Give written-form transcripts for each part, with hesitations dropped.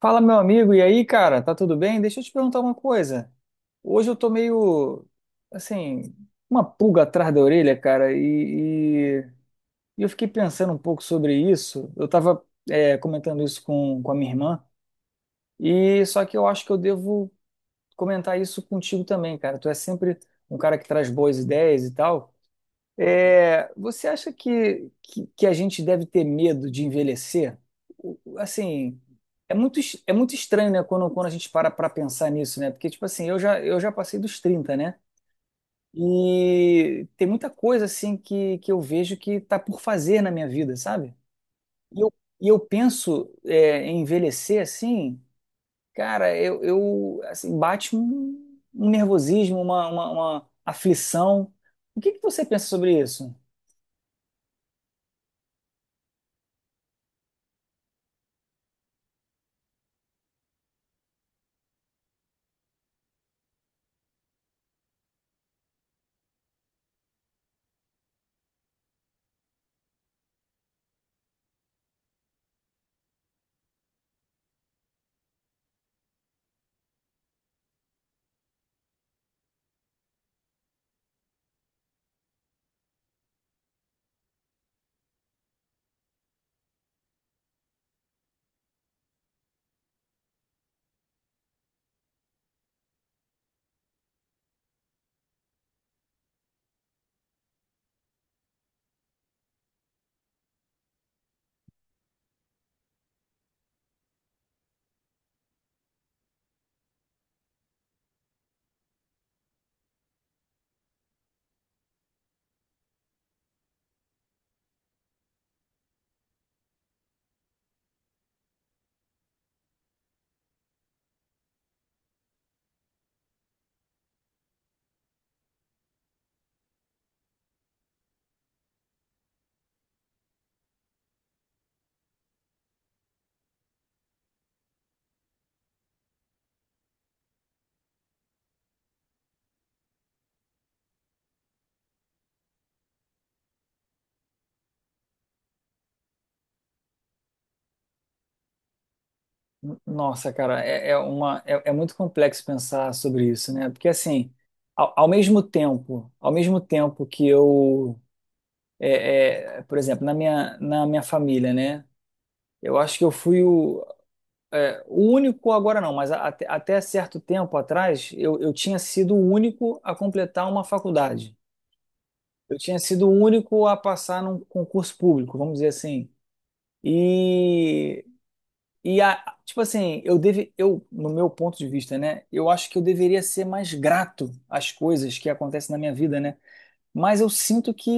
Fala, meu amigo, e aí, cara, tá tudo bem? Deixa eu te perguntar uma coisa. Hoje eu tô meio, assim, uma pulga atrás da orelha, cara, e- e eu fiquei pensando um pouco sobre isso. Eu tava, comentando isso com a minha irmã, e só que eu acho que eu devo comentar isso contigo também, cara. Tu é sempre um cara que traz boas ideias e tal. É, você acha que a gente deve ter medo de envelhecer? Assim, é muito estranho, né, quando a gente para para pensar nisso, né? Porque, tipo assim, eu já passei dos trinta, né? E tem muita coisa, assim, que eu vejo que tá por fazer na minha vida, sabe? E eu, e eu penso, em envelhecer, assim, cara, eu assim, bate um nervosismo, uma aflição. O que que você pensa sobre isso? Nossa, cara, é muito complexo pensar sobre isso, né? Porque assim, ao mesmo tempo que eu, por exemplo, na minha família, né? Eu acho que eu fui o único agora não, mas até certo tempo atrás eu tinha sido o único a completar uma faculdade. Eu tinha sido o único a passar num concurso público, vamos dizer assim. E E a, tipo assim, eu deve, eu, No meu ponto de vista, né, eu acho que eu deveria ser mais grato às coisas que acontecem na minha vida, né? Mas eu sinto que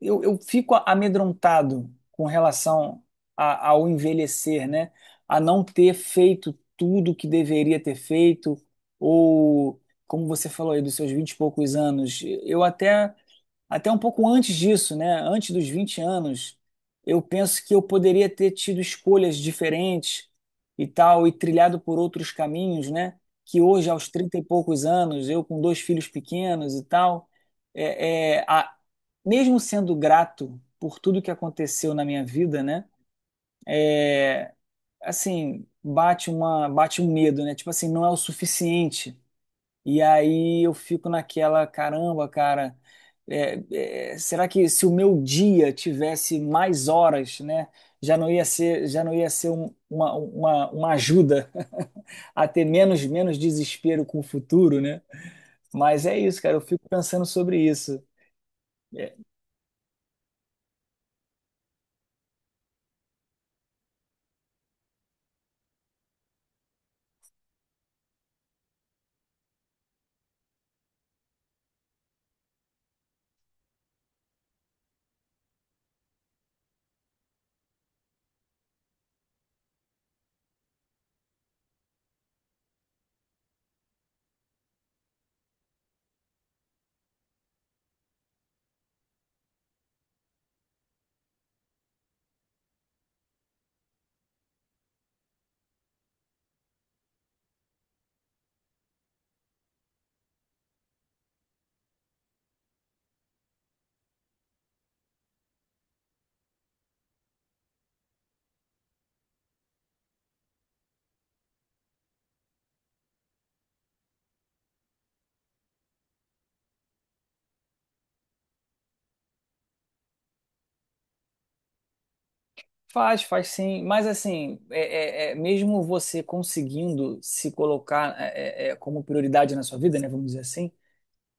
eu fico amedrontado com relação ao envelhecer, né? A não ter feito tudo que deveria ter feito, ou como você falou aí, dos seus vinte e poucos anos, eu até um pouco antes disso, né? Antes dos 20 anos, eu penso que eu poderia ter tido escolhas diferentes e tal, e trilhado por outros caminhos, né? Que hoje, aos 30 e poucos anos, eu com dois filhos pequenos e tal, é, é, a- mesmo sendo grato por tudo que aconteceu na minha vida, né? Assim, bate um medo, né? Tipo assim, não é o suficiente. E aí eu fico naquela, caramba, cara, será que se o meu dia tivesse mais horas, né, já não ia ser, já não ia ser uma ajuda a ter menos desespero com o futuro, né? Mas é isso, cara, eu fico pensando sobre isso. É, faz, faz sim, mas assim, é, mesmo você conseguindo se colocar como prioridade na sua vida, né, vamos dizer assim,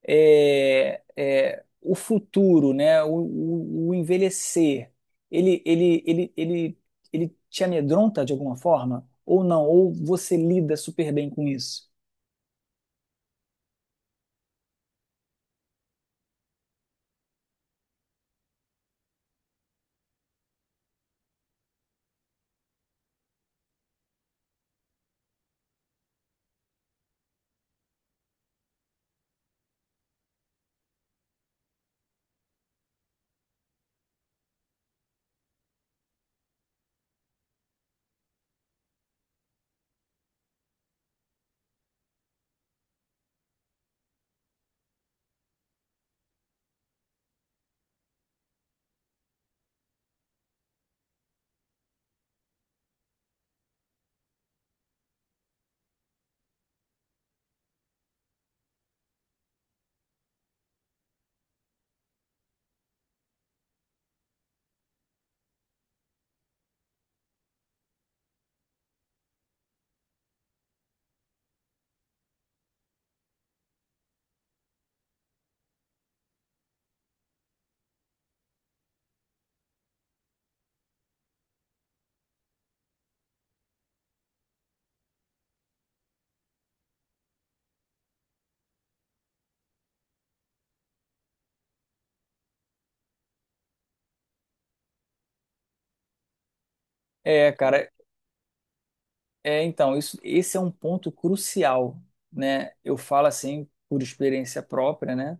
o futuro, né? O envelhecer, ele, ele, ele, ele, ele te amedronta de alguma forma? Ou não? Ou você lida super bem com isso? É, cara, esse é um ponto crucial, né? Eu falo assim por experiência própria, né?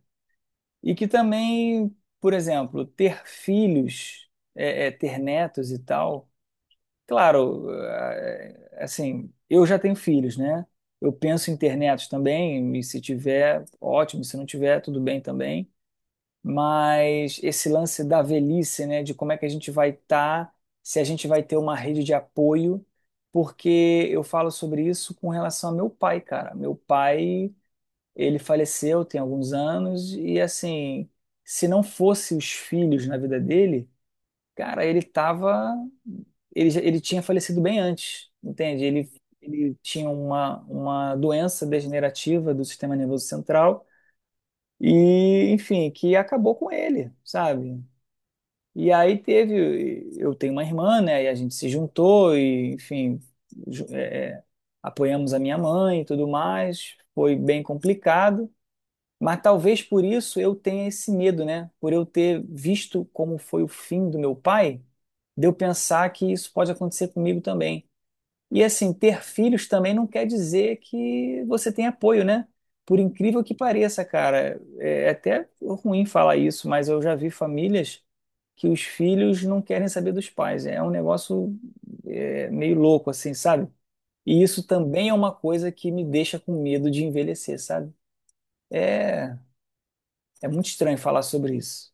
E que também, por exemplo, ter filhos, ter netos e tal. Claro, assim, eu já tenho filhos, né? Eu penso em ter netos também, e se tiver, ótimo, se não tiver, tudo bem também. Mas esse lance da velhice, né, de como é que a gente vai estar, se a gente vai ter uma rede de apoio, porque eu falo sobre isso com relação ao meu pai, cara. Meu pai, ele faleceu tem alguns anos, e assim, se não fosse os filhos na vida dele. Cara, ele tava. Ele tinha falecido bem antes, entende? Ele tinha uma doença degenerativa do sistema nervoso central e, enfim, que acabou com ele, sabe? E aí teve. Eu tenho uma irmã, né? E a gente se juntou e, enfim, ju- é, apoiamos a minha mãe e tudo mais. Foi bem complicado. Mas talvez por isso eu tenha esse medo, né? Por eu ter visto como foi o fim do meu pai, de eu pensar que isso pode acontecer comigo também. E assim, ter filhos também não quer dizer que você tem apoio, né? Por incrível que pareça, cara, é até ruim falar isso, mas eu já vi famílias que os filhos não querem saber dos pais. É um negócio meio louco, assim, sabe? E isso também é uma coisa que me deixa com medo de envelhecer, sabe? É. É muito estranho falar sobre isso.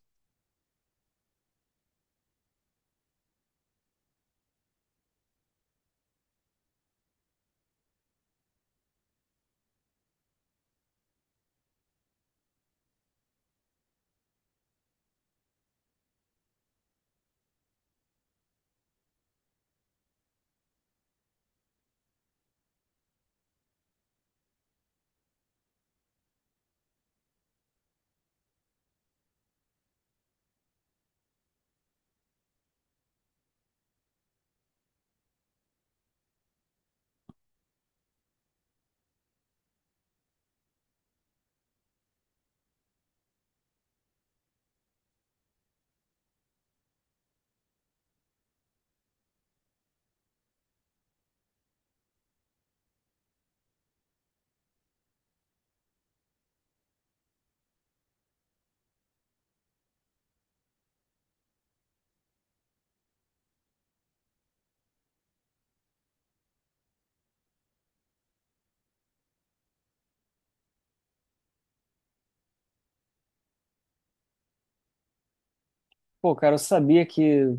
Pô, cara, eu sabia que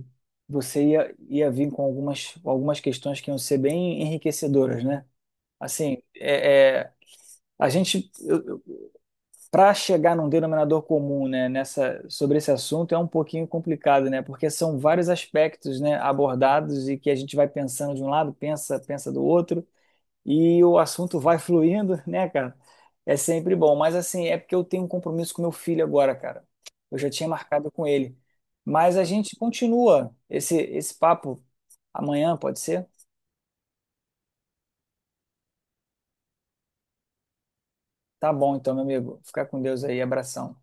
ia vir com algumas questões que iam ser bem enriquecedoras, né? Assim, a gente, para chegar num denominador comum, né, nessa, sobre esse assunto é um pouquinho complicado, né? Porque são vários aspectos, né, abordados e que a gente vai pensando de um lado, pensa, pensa do outro. E o assunto vai fluindo, né, cara? É sempre bom. Mas assim, é porque eu tenho um compromisso com meu filho agora, cara. Eu já tinha marcado com ele. Mas a gente continua esse papo amanhã, pode ser? Tá bom, então, meu amigo. Fica com Deus aí. Abração.